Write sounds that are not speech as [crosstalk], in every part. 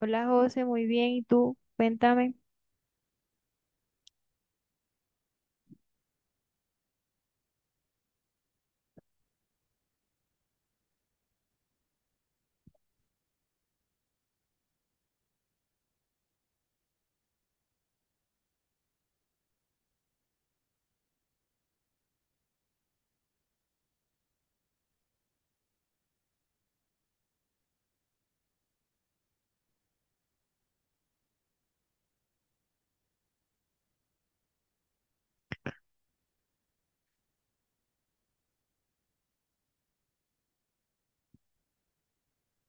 Hola José, muy bien. ¿Y tú? Cuéntame.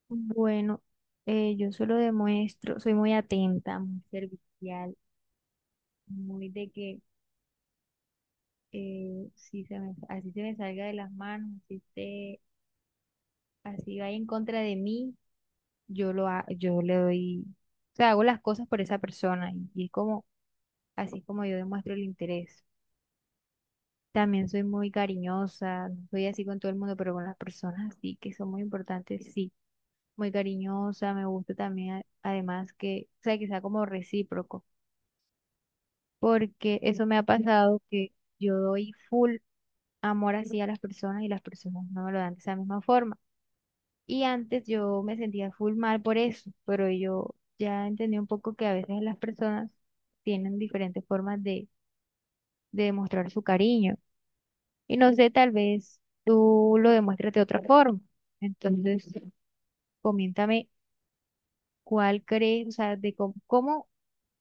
Bueno, yo solo demuestro, soy muy atenta, muy servicial, muy de que si se me, así se me salga de las manos, así esté, así vaya en contra de mí, yo le doy, o sea, hago las cosas por esa persona y es como así como yo demuestro el interés. También soy muy cariñosa, no soy así con todo el mundo, pero con las personas sí que son muy importantes, sí. Muy cariñosa, me gusta también además que, o sea, que sea como recíproco, porque eso me ha pasado que yo doy full amor así a las personas y las personas no me lo dan de esa misma forma. Y antes yo me sentía full mal por eso, pero yo ya entendí un poco que a veces las personas tienen diferentes formas de demostrar su cariño. Y no sé, tal vez tú lo demuestras de otra forma. Entonces, coméntame cuál crees, o sea, de cómo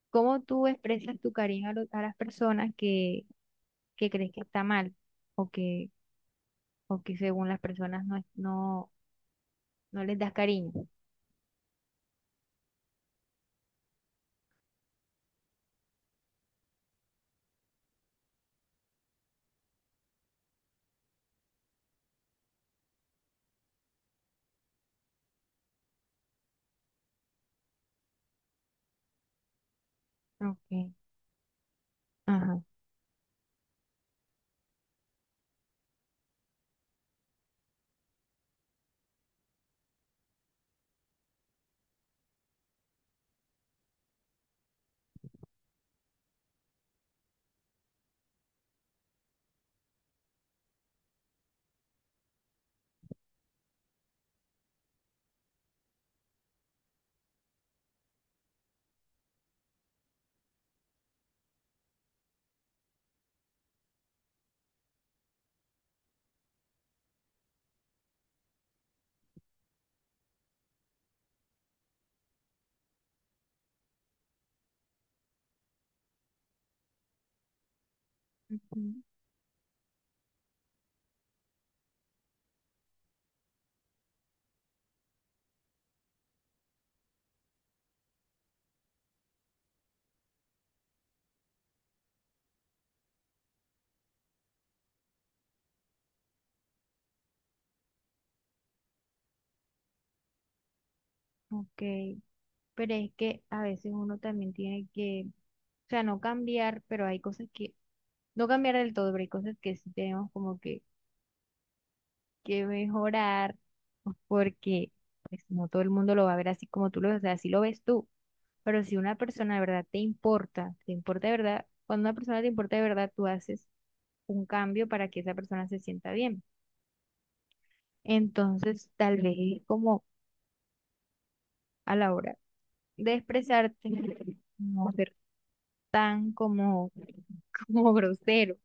¿cómo tú expresas tu cariño a, a las personas que crees que está mal o que, o que según las personas no, no, no les das cariño? Okay. Ajá. Ujú. Ok. Pero es que a veces uno también tiene que, o sea, no cambiar, pero hay cosas que, no cambiar del todo, pero hay cosas que sí tenemos como que mejorar, porque pues no todo el mundo lo va a ver así como tú lo ves, o sea, así lo ves tú. Pero si una persona de verdad te importa de verdad, cuando una persona te importa de verdad, tú haces un cambio para que esa persona se sienta bien. Entonces, tal vez es como a la hora de expresarte, no ser tan como, [laughs] como grosero,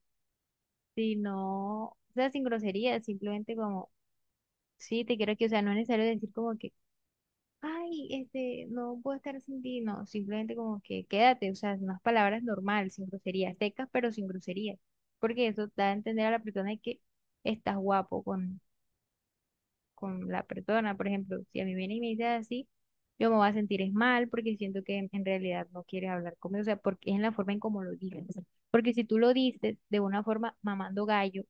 sino, o sea, sin grosería, simplemente como, sí, te quiero aquí, o sea, no es necesario decir como que ay, este, no puedo estar sin ti, no, simplemente como que quédate, o sea, unas palabras normales, sin groserías, secas, pero sin groserías, porque eso da a entender a la persona de que estás guapo con la persona, por ejemplo, si a mí viene y me dice así, yo me voy a sentir es mal, porque siento que en realidad no quieres hablar conmigo, o sea, porque es en la forma en cómo lo dices. Porque si tú lo dices de una forma mamando gallo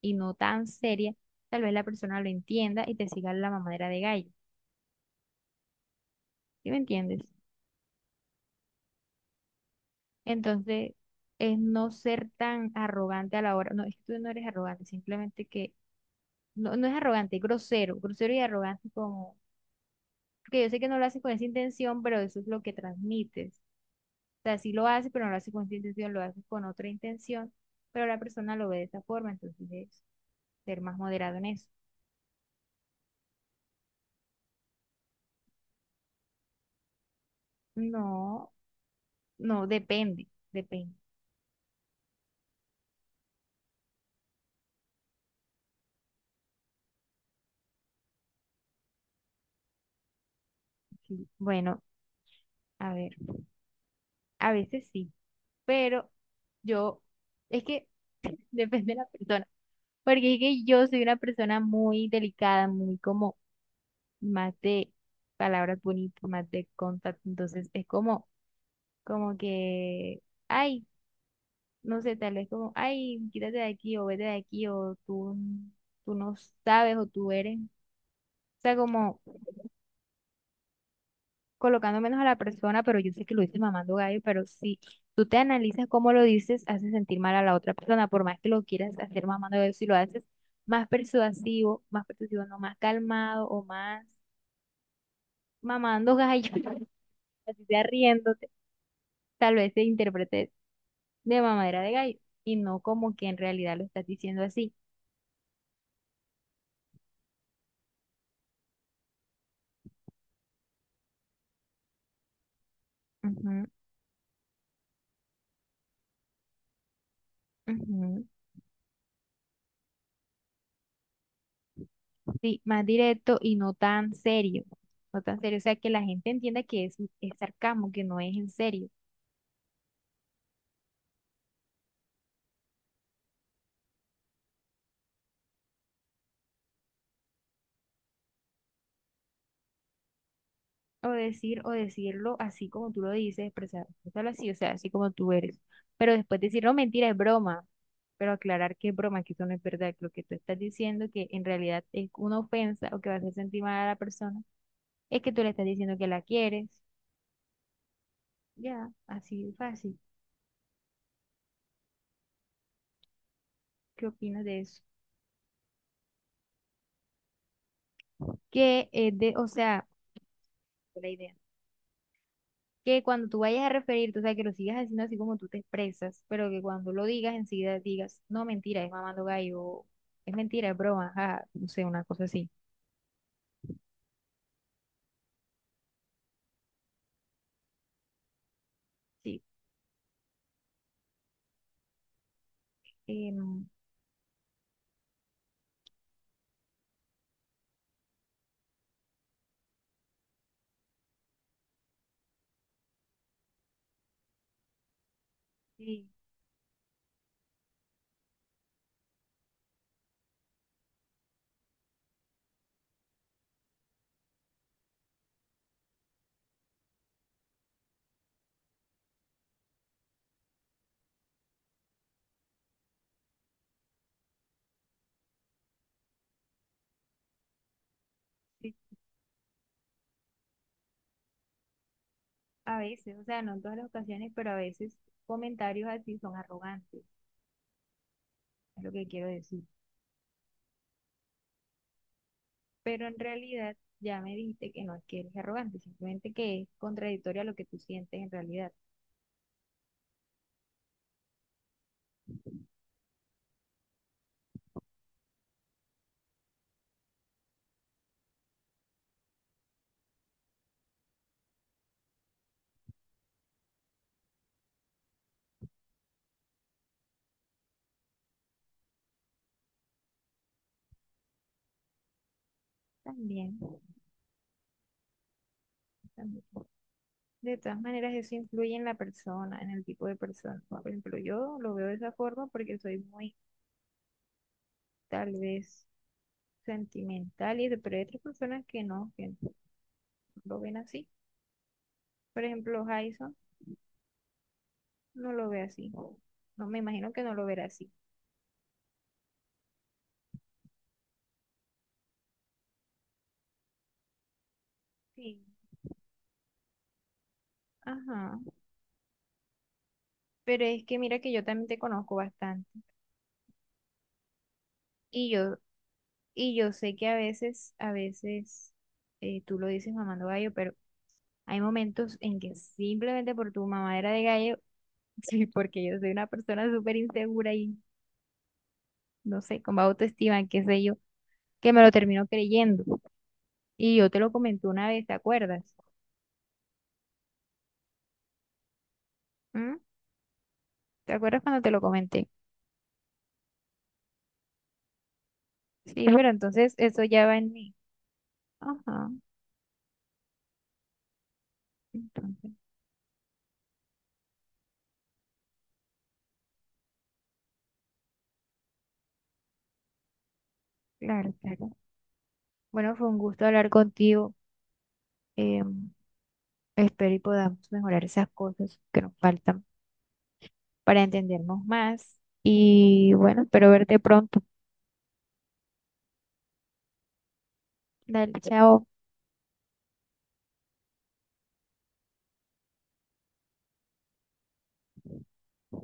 y no tan seria, tal vez la persona lo entienda y te siga la mamadera de gallo, ¿sí me entiendes? Entonces, es no ser tan arrogante a la hora. No, es que tú no eres arrogante, simplemente que no, no es arrogante, es grosero, grosero y arrogante como, porque yo sé que no lo haces con esa intención, pero eso es lo que transmites. O sea, sí lo haces, pero no lo haces con esa intención, lo haces con otra intención, pero la persona lo ve de esa forma, entonces es ser más moderado en eso. No, no, depende, depende. Sí. Bueno, a ver, a veces sí, pero yo, es que [laughs] depende de la persona. Porque es que yo soy una persona muy delicada, muy como más de palabras bonitas, más de contacto. Entonces es como, como que, ay, no sé, tal vez como, ay, quítate de aquí o vete de aquí o tú no sabes o tú eres. O sea, como colocando menos a la persona, pero yo sé que lo dices mamando gallo, pero si tú te analizas cómo lo dices, hace sentir mal a la otra persona, por más que lo quieras hacer mamando gallo, si lo haces más persuasivo, no más calmado o más mamando gallo, [laughs] así sea riéndote, tal vez se interprete de mamadera de gallo y no como que en realidad lo estás diciendo así. Ujú, ujú. Sí, más directo y no tan serio, no tan serio, o sea, que la gente entienda que es sarcasmo, que no es en serio. O decir, o decirlo así como tú lo dices, expresarlo así, o sea, así como tú eres. Pero después decir, no, mentira, es broma. Pero aclarar que es broma, que eso no es verdad, que lo que tú estás diciendo, que en realidad es una ofensa o que va a hacer sentir mal a la persona. Es que tú le estás diciendo que la quieres. Ya, así de fácil. ¿Qué opinas de eso? Que, de, o sea, la idea. Que cuando tú vayas a referirte, o sea, que lo sigas haciendo así como tú te expresas, pero que cuando lo digas, enseguida digas, no, mentira, es mamando gallo, o es mentira, es broma, ajá, no sé, una cosa así. Sí, em, sí, sí, a veces, o sea, no en todas las ocasiones, pero a veces comentarios así son arrogantes, es lo que quiero decir. Pero en realidad ya me dijiste que no es que eres arrogante, simplemente que es contradictorio a lo que tú sientes en realidad. También, también. De todas maneras, eso influye en la persona, en el tipo de persona. Por ejemplo, yo lo veo de esa forma porque soy muy, tal vez, sentimental y eso, pero hay otras personas que no lo ven así. Por ejemplo, Jason no lo ve así. No me imagino que no lo verá así. Sí. Ajá. Pero es que mira que yo también te conozco bastante. Y yo. Y yo sé que a veces tú lo dices mamando gallo, pero hay momentos en que simplemente por tu mamadera de gallo, [laughs] sí, porque yo soy una persona súper insegura y no sé, con baja autoestima, qué sé yo, que me lo termino creyendo. Y yo te lo comenté una vez, ¿te acuerdas? ¿Mm? ¿Te acuerdas cuando te lo comenté? Sí, pero entonces eso ya va en mí. Ajá, entonces, claro, claro. Bueno, fue un gusto hablar contigo. em, espero y podamos mejorar esas cosas que nos faltan, para entendernos más. Y bueno, espero verte pronto. Dale, chao.